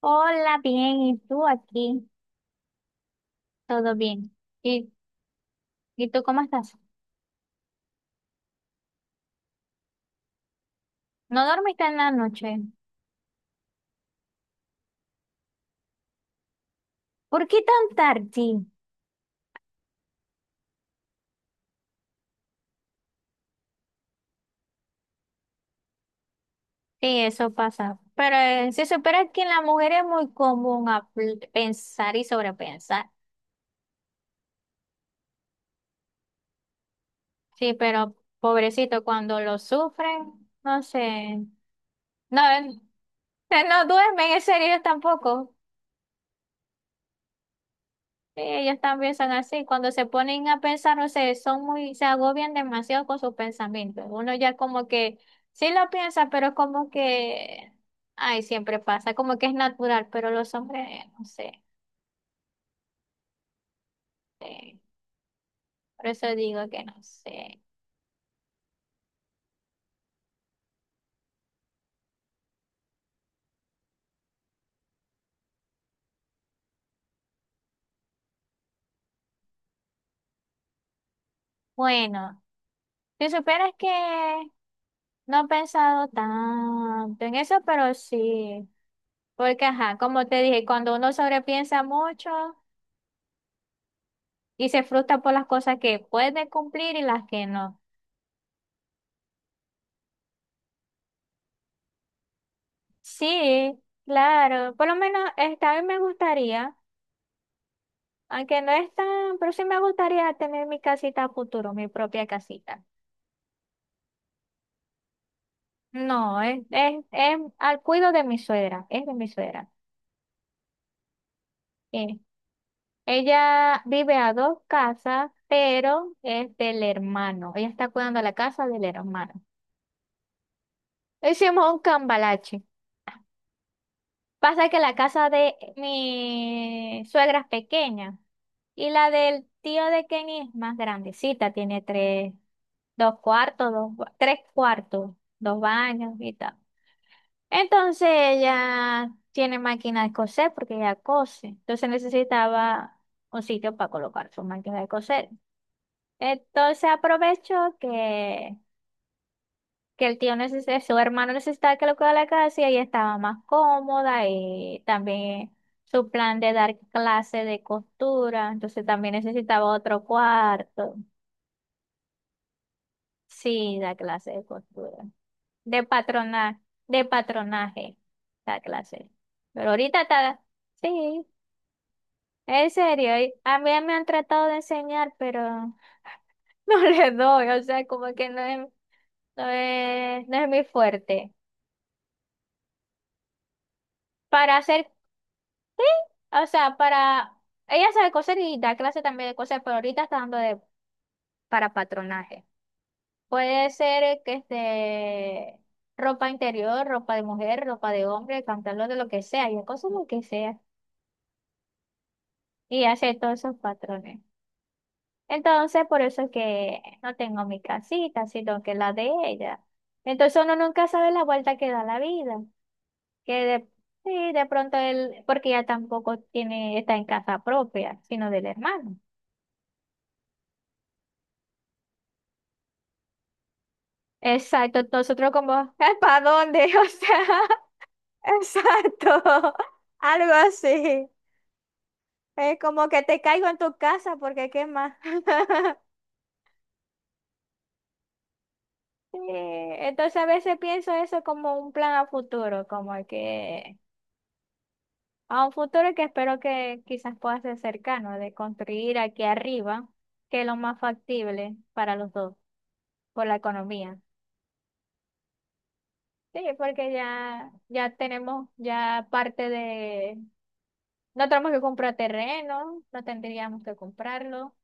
Hola, bien, ¿y tú aquí? Todo bien. ¿Y, y tú ¿cómo estás? ¿No dormiste en la noche? ¿Por qué tan tarde? Sí, eso pasa. Pero se supone que en la mujer es muy común pensar y sobrepensar. Sí, pero pobrecito, cuando lo sufren, no sé. No, no duermen, en serio tampoco. Sí, ellos también son así. Cuando se ponen a pensar, no sé, son muy, se agobian demasiado con sus pensamientos. Uno ya como que sí lo piensa, pero como que, ay, siempre pasa, como que es natural, pero los hombres, no sé. Sí. Por eso digo que no sé. Bueno, si supieras que no he pensado tanto en eso, pero sí. Porque, ajá, como te dije, cuando uno sobrepiensa mucho y se frustra por las cosas que puede cumplir y las que no. Sí, claro. Por lo menos esta vez me gustaría, aunque no es tan, pero sí me gustaría tener mi casita a futuro, mi propia casita. No, es al cuido de mi suegra, es de mi suegra. Eh, ella vive a dos casas, pero es del hermano. Ella está cuidando la casa del hermano. Hicimos un cambalache. Pasa que la casa de mi suegra es pequeña, y la del tío de Kenny es más grandecita, tiene dos cuartos, tres cuartos, dos baños y tal. Entonces ella tiene máquina de coser porque ella cose, entonces necesitaba un sitio para colocar su máquina de coser. Entonces aprovechó que el tío necesitaba, su hermano necesitaba que lo cuidara la casa, y ella estaba más cómoda, y también su plan de dar clase de costura, entonces también necesitaba otro cuarto. Sí, da clase de costura, de patronaje, de patronaje, da clase. Pero ahorita está, sí, en serio, y a mí me han tratado de enseñar, pero no le doy, o sea, como que no es mi fuerte. Para hacer. O sea, para... Ella sabe coser y da clase también de coser, pero ahorita está dando de... para patronaje. Puede ser que este... ropa interior, ropa de mujer, ropa de hombre, pantalón de lo que sea, y cosas lo que sea. Y hace todos esos patrones. Entonces, por eso es que no tengo mi casita, sino que la de ella. Entonces uno nunca sabe la vuelta que da la vida. Que de, sí, de pronto él, porque ella tampoco tiene, está en casa propia, sino del hermano. Exacto, nosotros como, ¿para dónde? O sea, exacto, algo así. Es como que te caigo en tu casa porque qué más. Sí, entonces a veces pienso eso como un plan a futuro, como que a un futuro que espero que quizás pueda ser cercano, de construir aquí arriba, que es lo más factible para los dos, por la economía. Sí, porque ya tenemos ya parte de. No tenemos que comprar terreno, no tendríamos que comprarlo.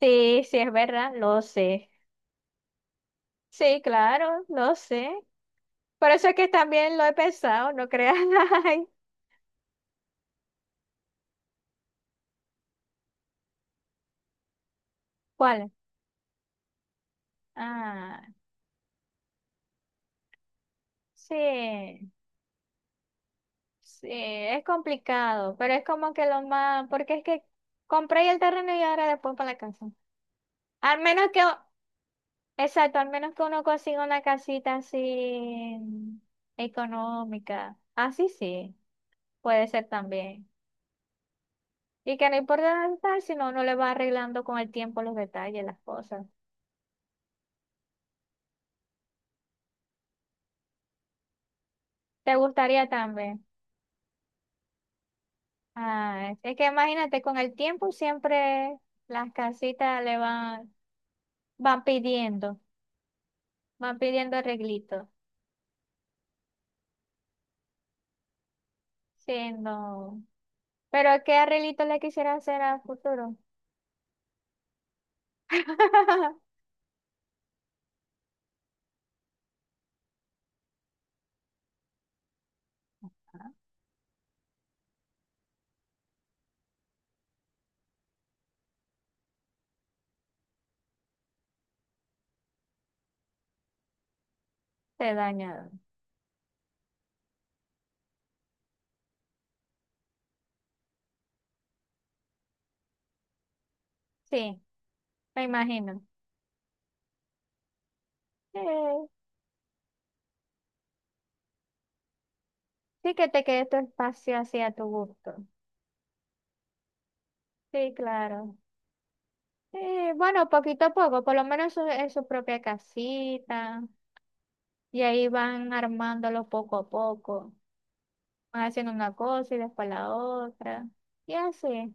Sí, sí, es verdad, lo sé. Sí, claro, lo sé. Por eso es que también lo he pensado, no creas. Ay, ¿cuál? Ah, sí, sí, es complicado, pero es como que lo más, porque es que compré el terreno y ahora después para la casa. Al menos que, exacto, al menos que uno consiga una casita así económica. Así sí, puede ser también. Y que no importa el detalle, sino uno le va arreglando con el tiempo los detalles, las cosas. ¿Te gustaría también? Ah, es que imagínate, con el tiempo siempre las casitas le van, van pidiendo, van pidiendo arreglitos. Sí, no. Pero ¿qué arreglito le quisiera hacer al futuro? Te dañaron. Sí, me imagino. Sí, sí que te quede tu espacio así a tu gusto. Sí, claro. Bueno, poquito a poco, por lo menos en su propia casita, y ahí van armándolo poco a poco, van haciendo una cosa y después la otra, y así.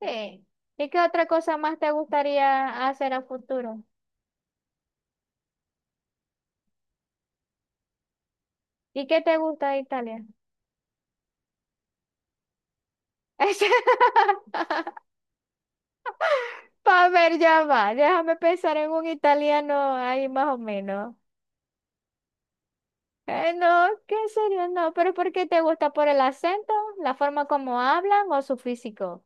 Sí. ¿Y qué otra cosa más te gustaría hacer a futuro? ¿Y qué te gusta de Italia? Para ver, ya va, déjame pensar en un italiano ahí más o menos. No, ¿qué serio? No, pero ¿por qué te gusta? ¿Por el acento? ¿La forma como hablan o su físico?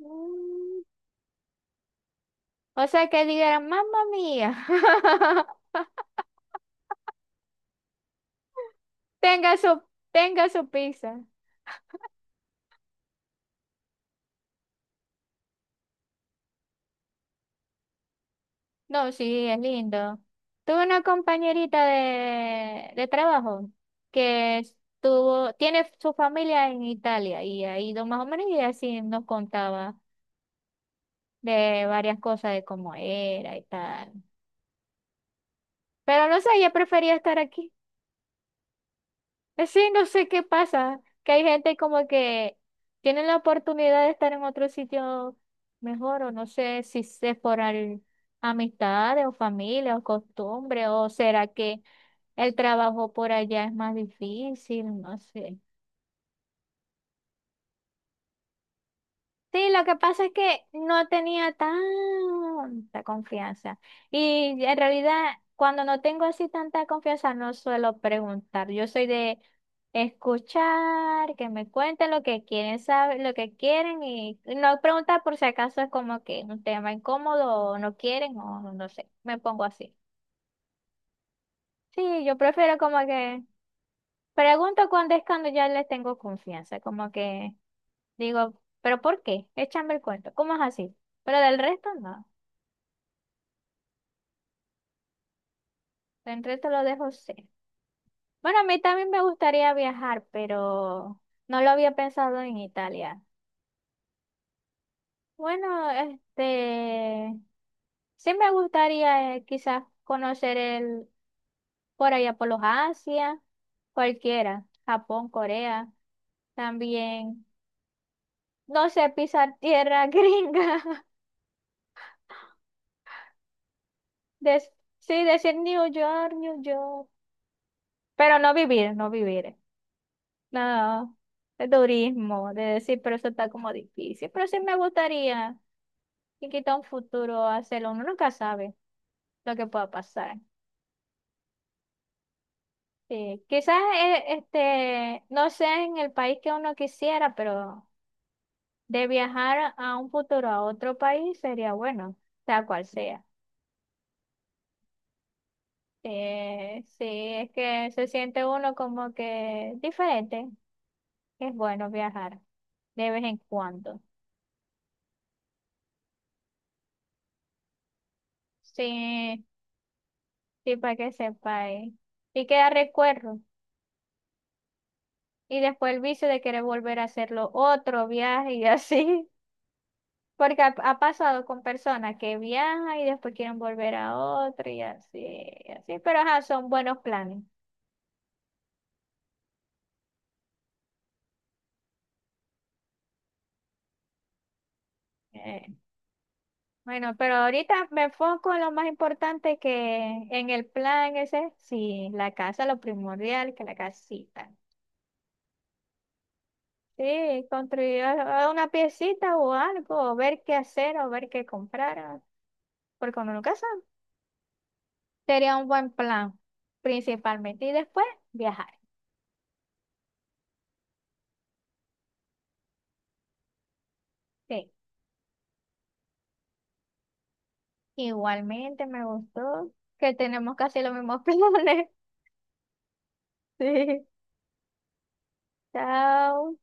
Mm. O sea, que digan, mamma mía, tenga su, tenga su pizza. No, sí, es lindo. Tuve una compañerita de trabajo que estuvo, tiene su familia en Italia y ha ido más o menos, y así nos contaba de varias cosas de cómo era y tal. Pero no sé, ella prefería estar aquí. Sí, no sé qué pasa, que hay gente como que tiene la oportunidad de estar en otro sitio mejor, o no sé si es por amistades o familia o costumbre, o será que el trabajo por allá es más difícil, no sé. Sí, lo que pasa es que no tenía tanta confianza. Y en realidad, cuando no tengo así tanta confianza, no suelo preguntar. Yo soy de escuchar, que me cuenten lo que quieren saber, lo que quieren, y no preguntar por si acaso es como que un tema incómodo o no quieren o no sé. Me pongo así. Sí, yo prefiero como que pregunto cuando es cuando ya les tengo confianza, como que digo, ¿pero por qué? Échame el cuento. ¿Cómo es así? Pero del resto no. Del resto lo dejo ser. Bueno, a mí también me gustaría viajar, pero no lo había pensado en Italia. Bueno, este, sí me gustaría quizás conocer el, por allá por los Asia, cualquiera, Japón, Corea, también, no sé, pisar tierra gringa, des- sí, decir New York, New York, pero no vivir, no vivir. No, de turismo, de decir, pero eso está como difícil. Pero sí me gustaría, y quita un futuro hacerlo, uno nunca sabe lo que pueda pasar. Sí, quizás este, no sea en el país que uno quisiera, pero de viajar a un futuro a otro país sería bueno, sea cual sea. Sí, es que se siente uno como que diferente. Es bueno viajar de vez en cuando. Sí. Sí, para que sepáis. Y queda recuerdo. Y después el vicio de querer volver a hacerlo otro viaje y así. Porque ha pasado con personas que viajan y después quieren volver a otro y así, y así. Pero ajá, son buenos planes. Eh, bueno, pero ahorita me enfoco en lo más importante que en el plan ese, sí, la casa, lo primordial, que la casita. Sí, construir ah, una piecita o algo, o ver qué hacer o ver qué comprar, ah, porque uno nunca sabe. Sería un buen plan, principalmente. Y después viajar. Sí. Igualmente me gustó que tenemos casi los mismos planes. Sí. Chao.